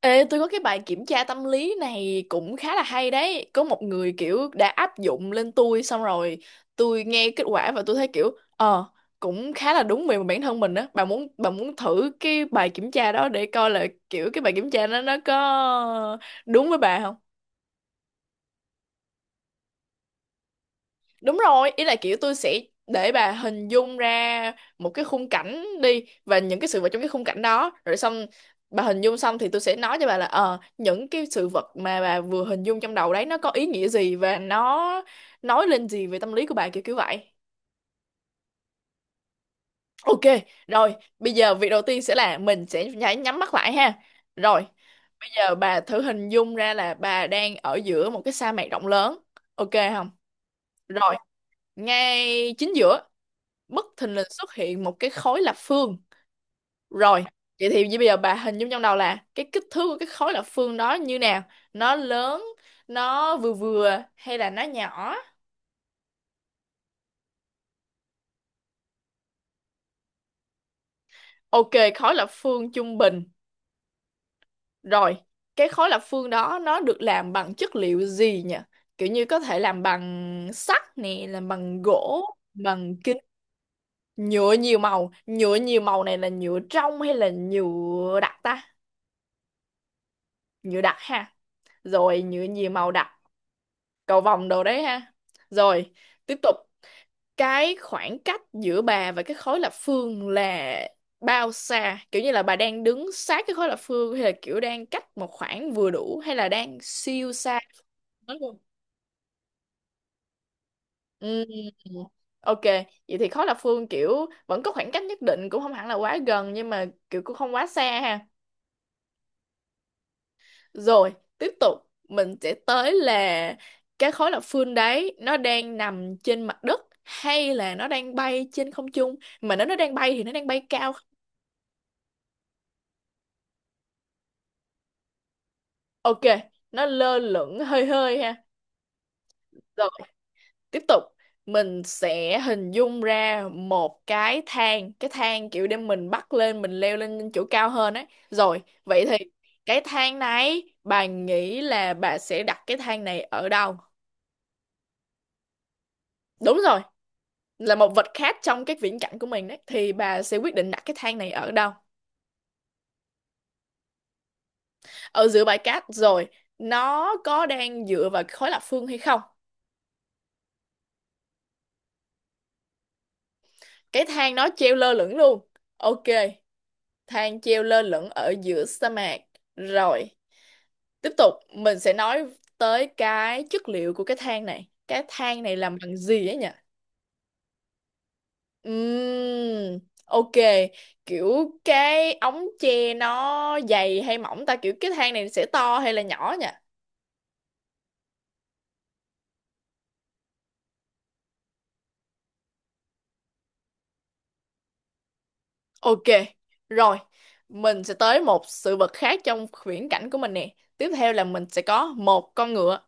Ê, tôi có cái bài kiểm tra tâm lý này cũng khá là hay đấy. Có một người kiểu đã áp dụng lên tôi xong rồi tôi nghe kết quả và tôi thấy kiểu ờ cũng khá là đúng về bản thân mình á. Bà muốn thử cái bài kiểm tra đó để coi là kiểu cái bài kiểm tra nó có đúng với bà không? Đúng rồi, ý là kiểu tôi sẽ để bà hình dung ra một cái khung cảnh đi và những cái sự vật trong cái khung cảnh đó rồi xong bà hình dung xong thì tôi sẽ nói cho bà là những cái sự vật mà bà vừa hình dung trong đầu đấy nó có ý nghĩa gì và nó nói lên gì về tâm lý của bà kiểu kiểu vậy. Ok, rồi, bây giờ việc đầu tiên sẽ là mình sẽ phải nhắm mắt lại ha. Rồi, bây giờ bà thử hình dung ra là bà đang ở giữa một cái sa mạc rộng lớn. Ok không? Rồi, ngay chính giữa bất thình lình xuất hiện một cái khối lập phương rồi vậy thì bây giờ bà hình dung trong đầu là cái kích thước của cái khối lập phương đó như nào, nó lớn, nó vừa vừa hay là nó nhỏ. Ok, khối lập phương trung bình. Rồi, cái khối lập phương đó nó được làm bằng chất liệu gì nhỉ, kiểu như có thể làm bằng sắt nè, làm bằng gỗ, bằng kính, nhựa nhiều màu. Nhựa nhiều màu này là nhựa trong hay là nhựa đặc ta? Nhựa đặc ha. Rồi, nhựa nhiều màu đặc, cầu vồng đồ đấy ha. Rồi, tiếp tục, cái khoảng cách giữa bà và cái khối lập phương là bao xa, kiểu như là bà đang đứng sát cái khối lập phương hay là kiểu đang cách một khoảng vừa đủ hay là đang siêu xa, nó luôn. Ừ. Ok, vậy thì khối lập phương kiểu vẫn có khoảng cách nhất định, cũng không hẳn là quá gần nhưng mà kiểu cũng không quá xa ha. Rồi, tiếp tục, mình sẽ tới là cái khối lập phương đấy nó đang nằm trên mặt đất hay là nó đang bay trên không trung. Mà nếu nó đang bay thì nó đang bay cao. Ok, nó lơ lửng hơi hơi ha. Rồi, tiếp tục. Mình sẽ hình dung ra một cái thang kiểu để mình bắt lên, mình leo lên chỗ cao hơn ấy. Rồi, vậy thì cái thang này bà nghĩ là bà sẽ đặt cái thang này ở đâu? Đúng rồi. Là một vật khác trong cái viễn cảnh của mình đấy thì bà sẽ quyết định đặt cái thang này ở đâu. Ở giữa bãi cát rồi, nó có đang dựa vào khối lập phương hay không? Cái thang nó treo lơ lửng luôn. Ok, thang treo lơ lửng ở giữa sa mạc. Rồi, tiếp tục, mình sẽ nói tới cái chất liệu của cái thang này, cái thang này làm bằng gì ấy nhỉ? Ừm, ok, kiểu cái ống tre nó dày hay mỏng ta, kiểu cái thang này sẽ to hay là nhỏ nhỉ? Ok, rồi, mình sẽ tới một sự vật khác trong viễn cảnh của mình nè. Tiếp theo là mình sẽ có một con ngựa.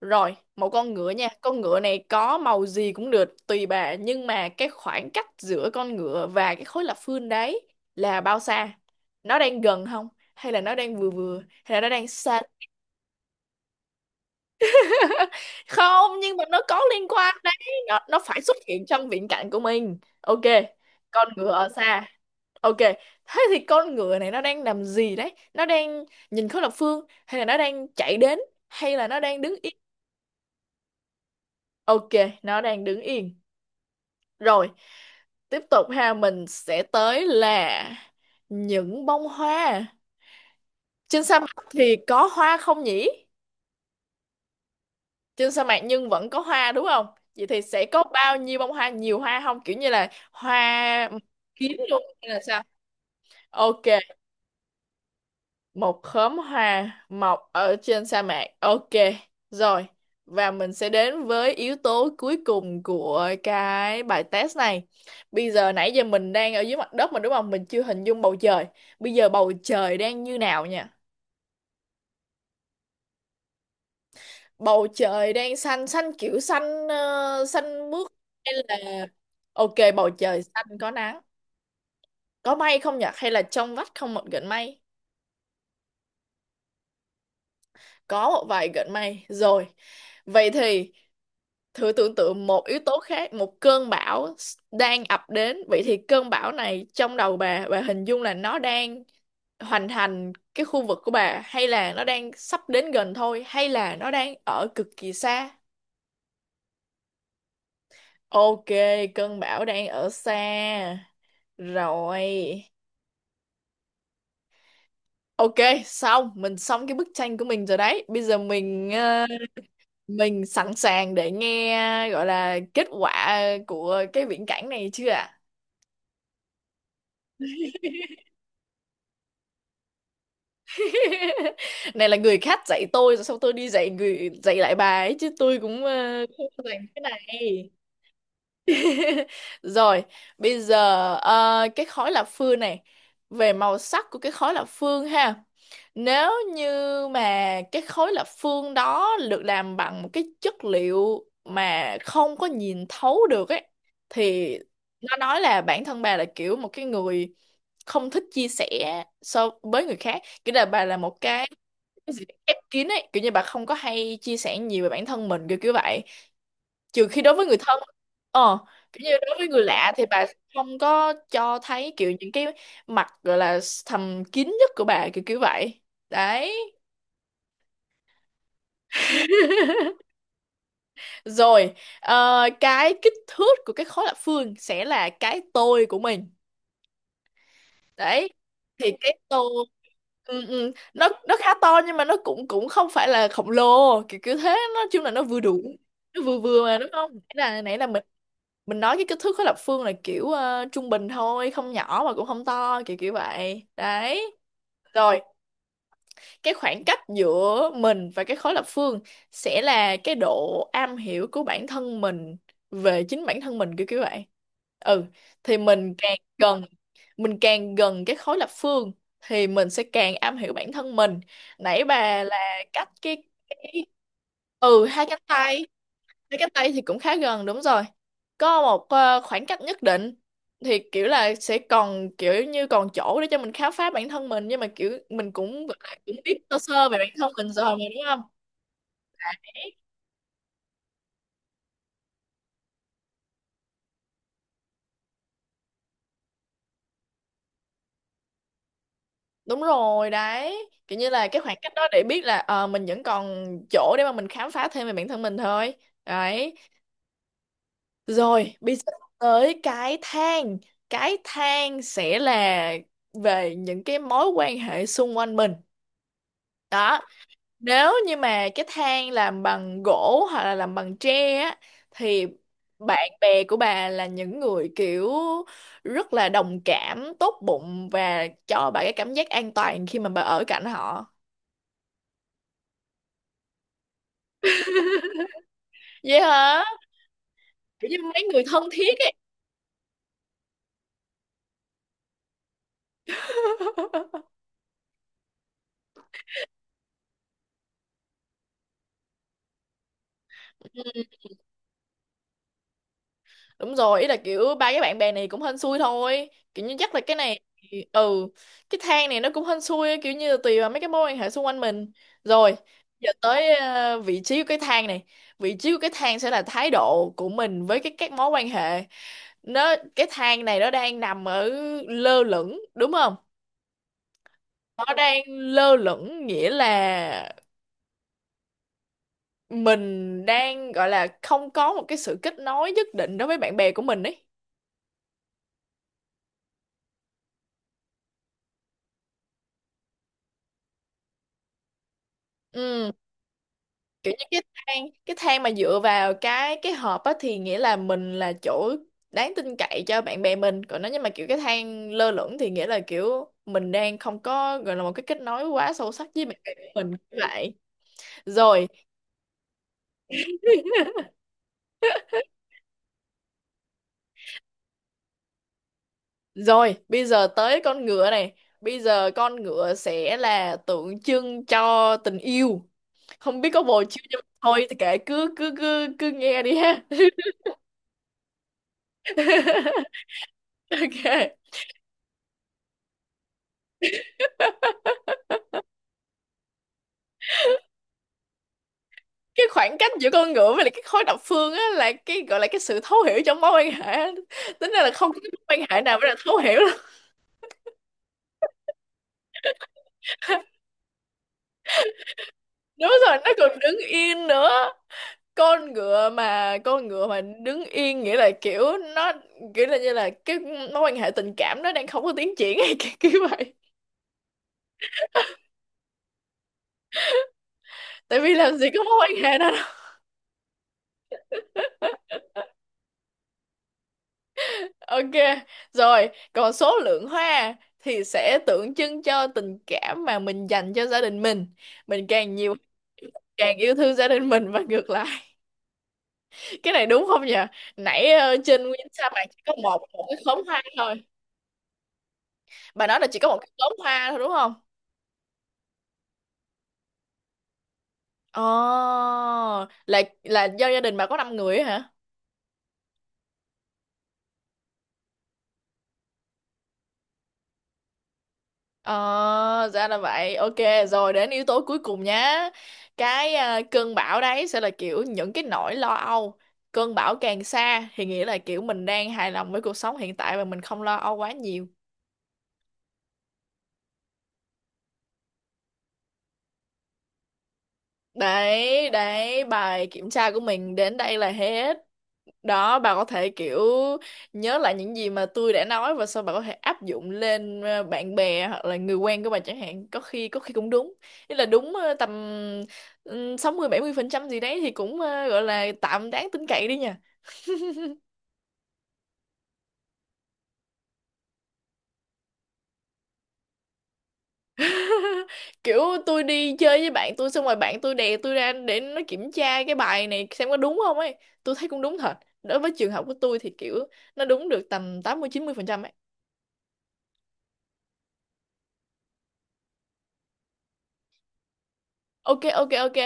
Rồi, một con ngựa nha. Con ngựa này có màu gì cũng được, tùy bà. Nhưng mà cái khoảng cách giữa con ngựa và cái khối lập phương đấy là bao xa? Nó đang gần không? Hay là nó đang vừa vừa? Hay là nó đang xa? Không, nhưng mà nó có liên quan đấy, nó phải xuất hiện trong viễn cảnh của mình. Ok, con ngựa ở xa. Ok, thế thì con ngựa này nó đang làm gì đấy, nó đang nhìn khối lập phương hay là nó đang chạy đến hay là nó đang đứng yên? Ok, nó đang đứng yên. Rồi, tiếp tục ha, mình sẽ tới là những bông hoa. Trên sa mạc thì có hoa không nhỉ? Trên sa mạc nhưng vẫn có hoa đúng không? Vậy thì sẽ có bao nhiêu bông hoa, nhiều hoa không, kiểu như là hoa kiếm luôn hay là sao? Ok, một khóm hoa mọc ở trên sa mạc, ok. Rồi, và mình sẽ đến với yếu tố cuối cùng của cái bài test này. Bây giờ, nãy giờ mình đang ở dưới mặt đất mà đúng không, mình chưa hình dung bầu trời. Bây giờ bầu trời đang như nào nha? Bầu trời đang xanh xanh, kiểu xanh xanh mướt hay là, ok, bầu trời xanh có nắng. Có mây không nhỉ hay là trong vắt không một gợn mây? Có một vài gợn mây. Rồi, vậy thì thử tưởng tượng một yếu tố khác, một cơn bão đang ập đến. Vậy thì cơn bão này trong đầu bà hình dung là nó đang hoành hành cái khu vực của bà hay là nó đang sắp đến gần thôi hay là nó đang ở cực kỳ xa? Ok, cơn bão đang ở xa. Rồi. Ok, xong, mình xong cái bức tranh của mình rồi đấy. Bây giờ mình sẵn sàng để nghe gọi là kết quả của cái viễn cảnh này chưa ạ? Này là người khác dạy tôi rồi xong tôi đi dạy người dạy lại bà ấy chứ tôi cũng không có dành cái này. Rồi, bây giờ cái khói lập phương này, về màu sắc của cái khói lập phương ha. Nếu như mà cái khối lập phương đó được làm bằng một cái chất liệu mà không có nhìn thấu được ấy thì nó nói là bản thân bà là kiểu một cái người không thích chia sẻ so với người khác, kiểu là bà là một cái gì ép kín ấy, kiểu như bà không có hay chia sẻ nhiều về bản thân mình kiểu kiểu vậy, trừ khi đối với người thân. Ờ, kiểu như đối với người lạ thì bà không có cho thấy kiểu những cái mặt gọi là thầm kín nhất của bà kiểu kiểu vậy đấy. Rồi, cái kích thước của cái khối lập phương sẽ là cái tôi của mình đấy. Thì cái tô ừ, ừ, nó khá to nhưng mà nó cũng cũng không phải là khổng lồ kiểu kiểu thế, nói chung là nó vừa đủ, nó vừa vừa mà đúng không? Nãy là mình nói cái kích thước khối lập phương là kiểu trung bình thôi, không nhỏ mà cũng không to kiểu kiểu vậy đấy. Rồi, cái khoảng cách giữa mình và cái khối lập phương sẽ là cái độ am hiểu của bản thân mình về chính bản thân mình kiểu kiểu vậy. Ừ, thì mình càng gần cái khối lập phương thì mình sẽ càng am hiểu bản thân mình. Nãy bà là cách cái ừ hai cánh tay. Mấy cái Tây thì cũng khá gần, đúng rồi. Có một khoảng cách nhất định thì kiểu là sẽ còn kiểu như còn chỗ để cho mình khám phá bản thân mình nhưng mà kiểu mình cũng gọi là cũng biết sơ sơ về bản thân mình rồi mà đúng không? À, đúng rồi đấy. Kiểu như là cái khoảng cách đó để biết là mình vẫn còn chỗ để mà mình khám phá thêm về bản thân mình thôi. Đấy. Rồi, bây giờ tới cái thang. Cái thang sẽ là về những cái mối quan hệ xung quanh mình. Đó, nếu như mà cái thang làm bằng gỗ hoặc là làm bằng tre á thì bạn bè của bà là những người kiểu rất là đồng cảm, tốt bụng và cho bà cái cảm giác an toàn khi mà bà ở cạnh họ. Vậy hả, kiểu như mấy người thân thiết ấy. Đúng rồi, ý là kiểu ba cái bạn bè này cũng hên xui thôi, kiểu như chắc là cái này thì, ừ, cái thang này nó cũng hên xui kiểu như là tùy vào mấy cái mối quan hệ xung quanh mình. Rồi, giờ tới vị trí của cái thang này. Vị trí của cái thang sẽ là thái độ của mình với cái các mối quan hệ. Nó, cái thang này nó đang nằm ở lơ lửng đúng không? Nó đang lơ lửng nghĩa là mình đang gọi là không có một cái sự kết nối nhất định đối với bạn bè của mình ấy. Ừ, kiểu như cái thang mà dựa vào cái hộp á thì nghĩa là mình là chỗ đáng tin cậy cho bạn bè mình. Còn nếu như mà kiểu cái thang lơ lửng thì nghĩa là kiểu mình đang không có gọi là một cái kết nối quá sâu sắc với bạn bè của mình như vậy. Rồi. Rồi, bây giờ tới con ngựa này. Bây giờ con ngựa sẽ là tượng trưng cho tình yêu. Không biết có bồ chưa nhưng mà thôi thì kệ, cứ cứ cứ cứ nghe đi ha. Ok, cái khoảng cách giữa con ngựa với lại cái khối độc phương á là cái gọi là cái sự thấu hiểu trong mối quan hệ á. Tính ra là không có cái mối quan hệ nào mới là thấu hiểu đâu. Đúng rồi, nó còn đứng yên nữa. Con ngựa mà đứng yên nghĩa là kiểu nó, kiểu là như là cái mối quan hệ tình cảm nó đang không có tiến triển hay kiểu kiểu vậy. Tại vì làm gì có mối quan hệ đó đâu. Ok, rồi, còn số lượng hoa thì sẽ tượng trưng cho tình cảm mà mình dành cho gia đình mình. Mình càng nhiều, càng yêu thương gia đình mình và ngược lại. Cái này đúng không nhỉ, nãy ờ, trên nguyên sa mạc chỉ có một một cái khóm hoa thôi, bà nói là chỉ có một cái khóm hoa thôi đúng không? Ồ, là do gia đình bà có 5 người ấy hả? Ờ, ra là vậy. Ok, rồi đến yếu tố cuối cùng nhá. Cái à, cơn bão đấy sẽ là kiểu những cái nỗi lo âu. Cơn bão càng xa thì nghĩa là kiểu mình đang hài lòng với cuộc sống hiện tại và mình không lo âu quá nhiều. Đấy, đấy, bài kiểm tra của mình đến đây là hết. Đó, bà có thể kiểu nhớ lại những gì mà tôi đã nói và sau bà có thể áp dụng lên bạn bè hoặc là người quen của bà chẳng hạn, có khi cũng đúng. Ý là đúng tầm 60-70% gì đấy thì cũng gọi là tạm đáng tin cậy đi nha. Kiểu tôi đi chơi với bạn tôi xong rồi bạn tôi đè tôi ra để nó kiểm tra cái bài này xem có đúng không ấy. Tôi thấy cũng đúng thật, đối với trường hợp của tôi thì kiểu nó đúng được tầm 80-90% ấy. Ok, ok, ok.